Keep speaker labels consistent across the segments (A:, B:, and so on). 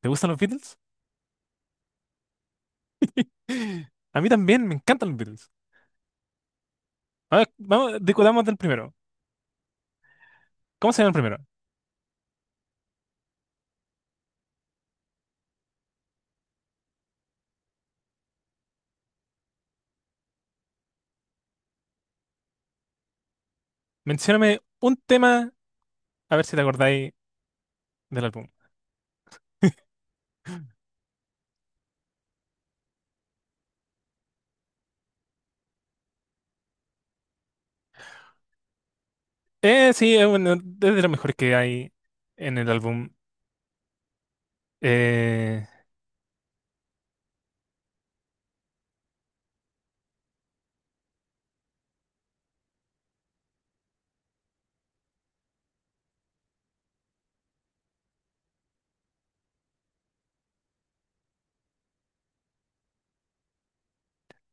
A: ¿Te gustan los Beatles? A mí también, me encantan los Beatles. A ver, vamos, discutamos del primero. ¿Cómo se llama el primero? Mencióname un tema, a ver si te acordáis del álbum. Sí, es uno de los mejores que hay en el álbum. Eh,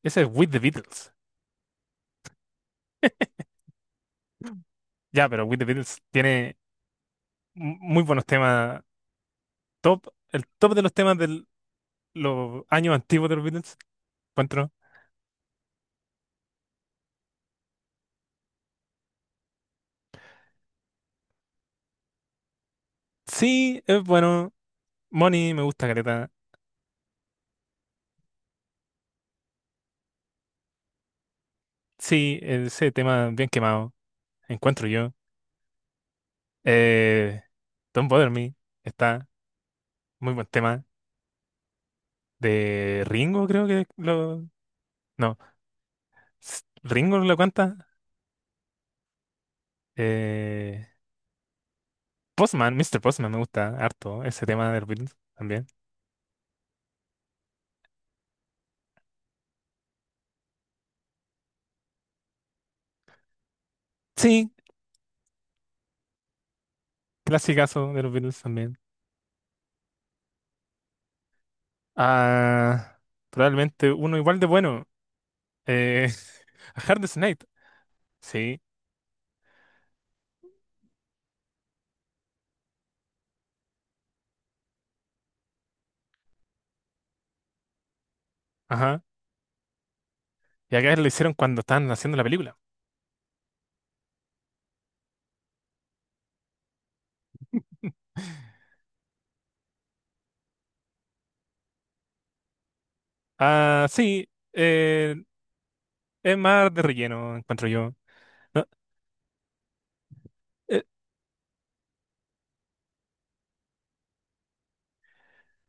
A: Ese es With the Beatles. Ya, pero With the Beatles tiene muy buenos temas. Top, el top de los temas del, los años antiguos de los Beatles. Encuentro. Sí, es bueno. Money me gusta caleta. Sí, ese tema bien quemado. Encuentro yo. Eh, Don't Bother Me está muy buen tema. De Ringo, creo que lo. No, Ringo lo canta. Eh, Postman, Mister Postman me gusta harto. Ese tema de los Beatles también. Sí, clasicazo de los Beatles también. Ah, probablemente uno igual de bueno. Eh, A Hard Day's Night. Sí, ajá. Y acá lo hicieron cuando estaban haciendo la película. Ah, sí. Es más de relleno, encuentro yo. No, eh,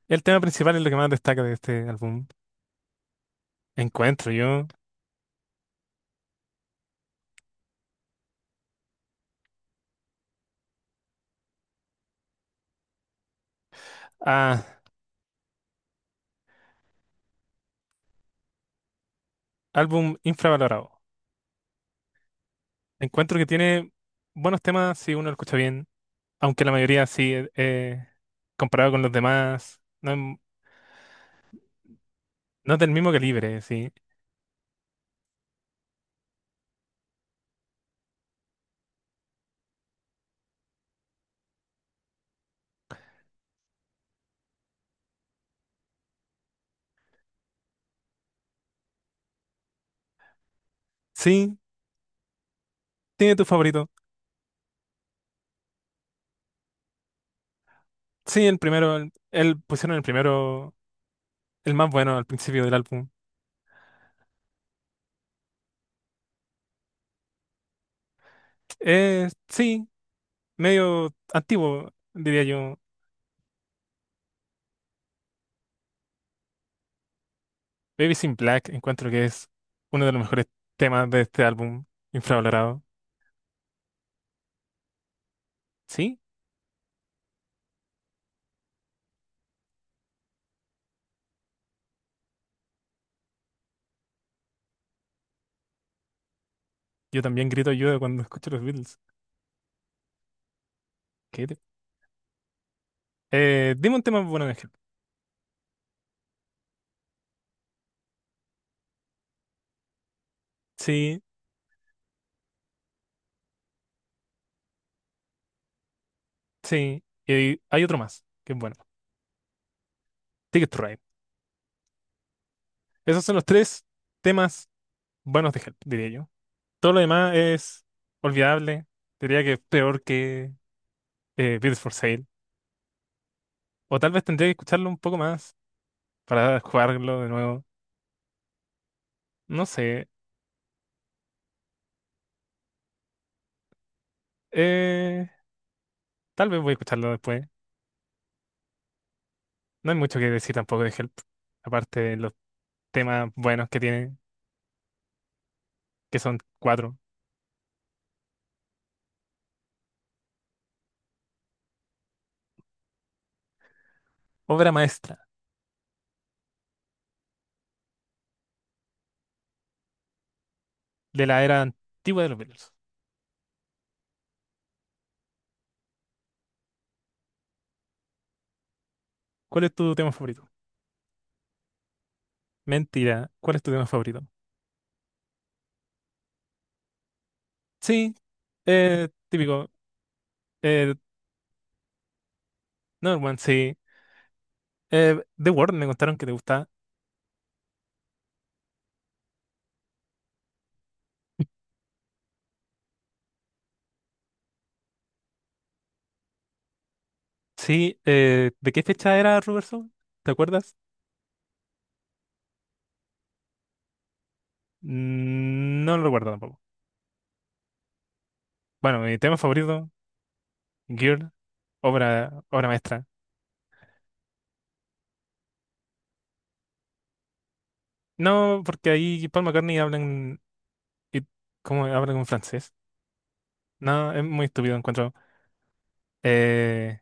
A: el tema principal es lo que más destaca de este álbum. Encuentro yo. Ah, álbum infravalorado. Encuentro que tiene buenos temas si uno lo escucha bien. Aunque la mayoría sí, comparado con los demás, no, es no es del mismo calibre, sí. Sí, tiene tu favorito. Sí, el primero, el, pusieron el primero, el más bueno al principio del álbum. Sí. Medio antiguo, diría yo. Babies in Black encuentro que es uno de los mejores temas de este álbum infravalorado. Sí, yo también grito ayuda cuando escucho los Beatles. ¿Qué te- dime un tema bueno, Ángel. Sí, sí. Y hay otro más, que es bueno. Ticket to Ride. Esos son los tres temas buenos de Help, diría yo. Todo lo demás es olvidable. Diría que es peor que Beatles for Sale. O tal vez tendría que escucharlo un poco más para jugarlo de nuevo. No sé. Eh, Tal vez voy a escucharlo después. No hay mucho que decir tampoco de Help. Aparte de los temas buenos que tiene, que son cuatro. Obra maestra de la era antigua de los Beatles. ¿Cuál es tu tema favorito? Mentira. ¿Cuál es tu tema favorito? Sí. Típico. Eh, Another One, sí. The World, me contaron que te gusta. Sí. ¿De qué fecha era Rubber Soul? ¿Te acuerdas? Mm, no lo recuerdo tampoco. Bueno, mi tema favorito, Girl, obra maestra. No, porque ahí Paul McCartney habla en, y cómo habla con francés. No, es muy estúpido, encuentro. Eh,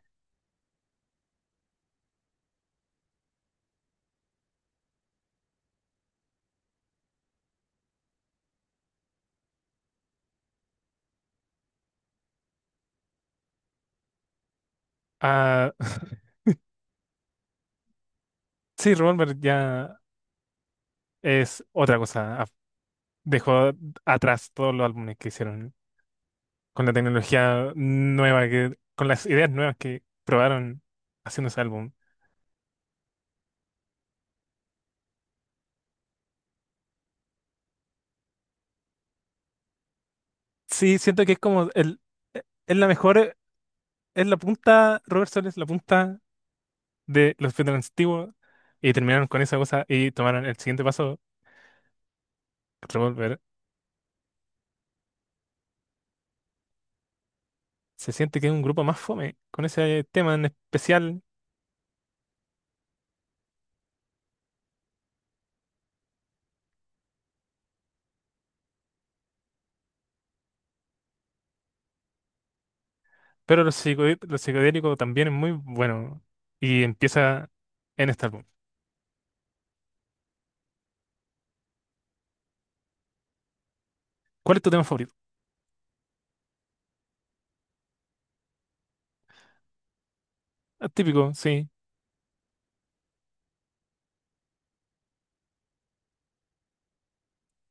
A: ah, sí, Revolver ya es otra cosa. Dejó atrás todos los álbumes que hicieron con la tecnología nueva, que, con las ideas nuevas que probaron haciendo ese álbum. Sí, siento que es como el, es la mejor, es la punta, Robert Soul es la punta de los Beatles antiguos y terminaron con esa cosa y tomaron el siguiente paso. Revolver se siente que es un grupo más fome con ese tema en especial, pero los lo psicodélico también es muy bueno y empieza en este álbum. ¿Cuál es tu tema favorito? Ah, típico, sí.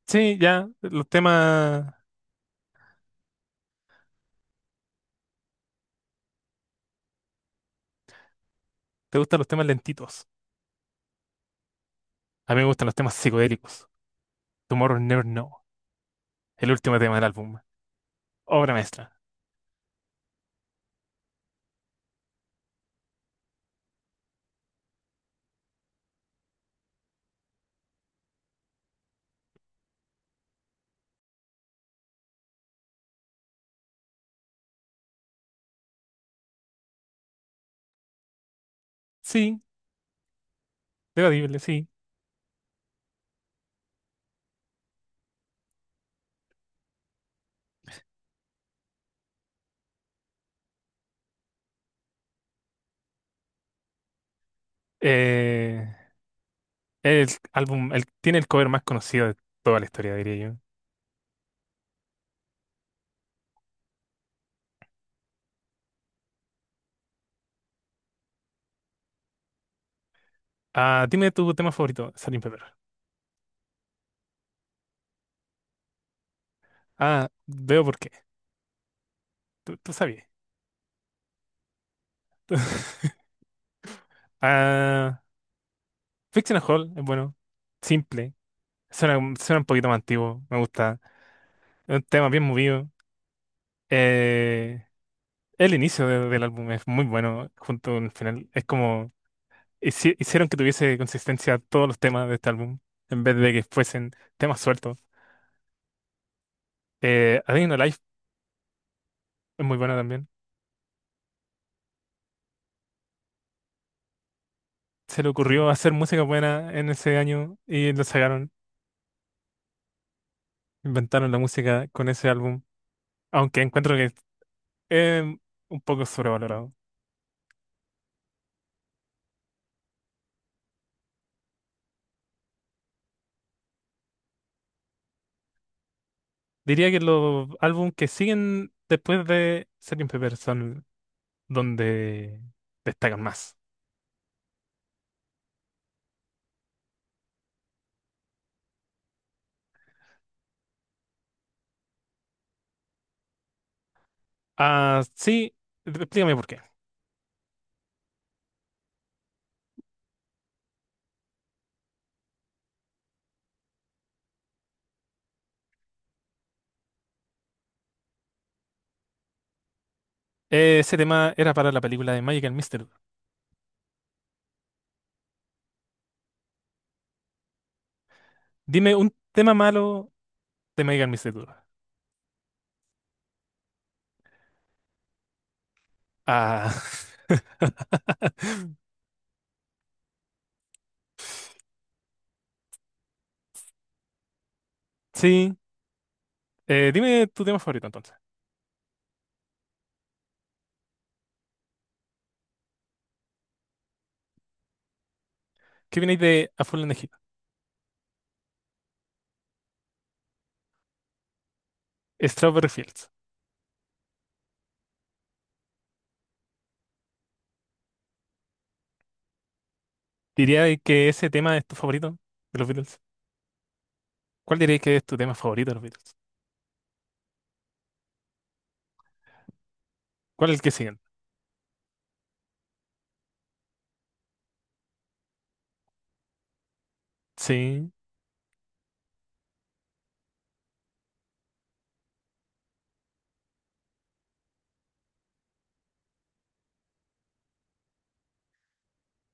A: Sí, ya, los temas, te gustan los temas lentitos. A mí me gustan los temas psicodélicos. Tomorrow Never Know, el último tema del álbum. Obra maestra. Sí, debatible, sí. Eh, el álbum, el, tiene el cover más conocido de toda la historia, diría yo. Ah, dime tu tema favorito, Salim Pepper. Ah, veo por qué. Tú sabías. Ah, Fictional Hall es bueno. Simple. Suena, suena un poquito más antiguo. Me gusta. Es un tema bien movido. Eh, el inicio del álbum es muy bueno junto con el final. Es como hicieron que tuviese consistencia todos los temas de este álbum en vez de que fuesen temas sueltos. A Day in the Life es muy buena también. Se le ocurrió hacer música buena en ese año y lo sacaron. Inventaron la música con ese álbum. Aunque encuentro que es un poco sobrevalorado. Diría que los álbumes que siguen después de Sgt. Pepper son donde destacan más. Ah, sí, explícame por qué. Ese tema era para la película de Magical Mystery Tour. Dime un tema malo de Magical Mystery Tour. Ah, sí. Dime tu tema favorito entonces. ¿Qué viene de A Full in the Heat? Strawberry Fields. ¿Diría que ese tema es tu favorito de los Beatles? ¿Cuál dirías que es tu tema favorito de los Beatles? ¿Cuál es el que siguen? Sí.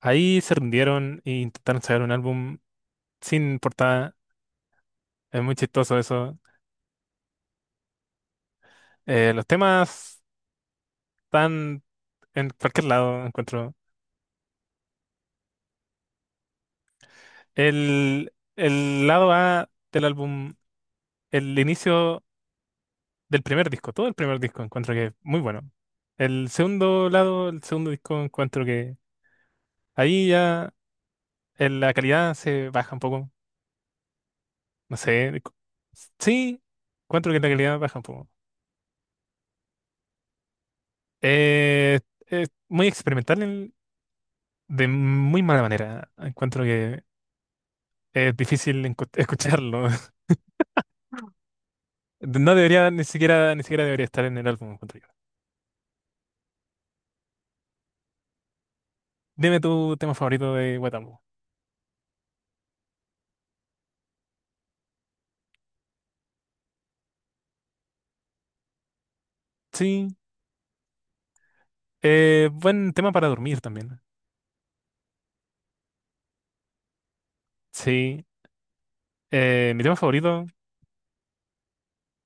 A: Ahí se rindieron e intentaron sacar un álbum sin portada. Es muy chistoso eso. Los temas están en cualquier lado, encuentro. El lado A del álbum, el inicio del primer disco, todo el primer disco, encuentro que es muy bueno. El segundo lado, el segundo disco, encuentro que ahí ya la calidad se baja un poco. No sé. Sí, encuentro que la calidad baja un poco. Eh, es muy experimental de muy mala manera. Encuentro que es difícil escucharlo. No debería, ni siquiera, ni siquiera debería estar en el álbum, encuentro yo. Dime tu tema favorito de Guatambo. Sí, buen tema para dormir también. Sí, mi tema favorito,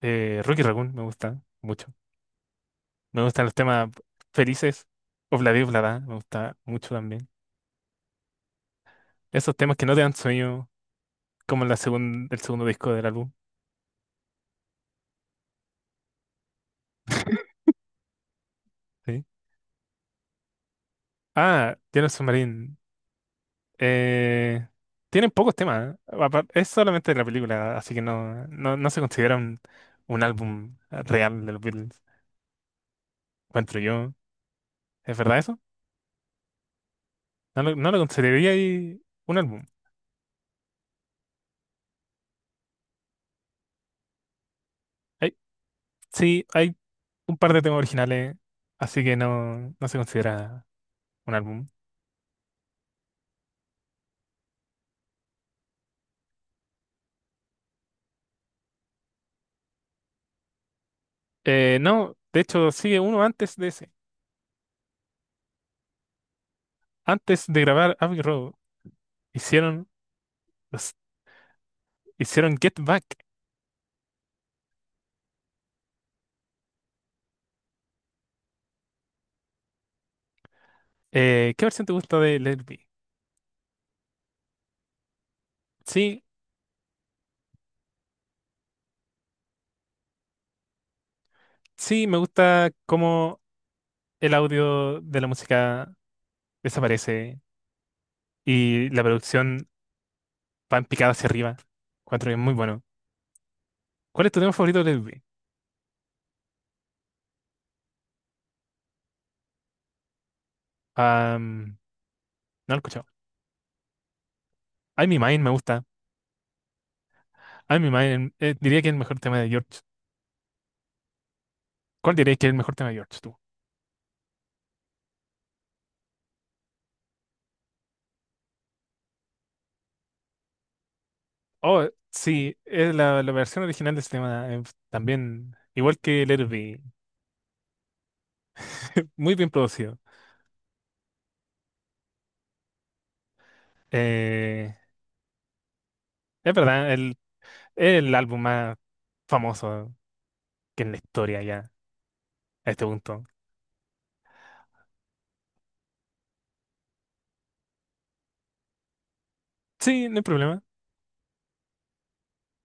A: Rocky Raccoon, me gusta mucho. Me gustan los temas felices, Obladi Oblada, me gusta mucho también. Esos temas que no te dan sueño, como la el segundo disco del álbum. Sí. Ah, Yellow Submarine, Eh, tienen pocos temas. ¿Eh? Es solamente de la película, así que no, no, no se considera un álbum real de los Beatles. Encuentro yo. ¿Es verdad eso? No lo, no lo consideraría ahí un álbum. Hay- sí, hay un par de temas originales, así que no, no se considera un álbum. No, de hecho, sigue uno antes de ese. Antes de grabar Abbey Road, hicieron, los- hicieron Get Back. ¿Qué versión te gusta de Let It Be? Sí, sí, me gusta cómo el audio de la música desaparece y la producción va en picada hacia arriba. Cuatro que es muy bueno. ¿Cuál es tu tema favorito de Lil Wayne? Am, no lo he escuchado. I'm in Mind me gusta. I'm in Mind diría que es el mejor tema de George. ¿Cuál dirías que es el mejor tema de George tú? Oh, sí, es la, la versión original de ese tema también, igual que Let It Be, muy bien producido. Eh, es verdad, el, es el álbum más famoso que en la historia ya, a este punto. Sí, no hay problema.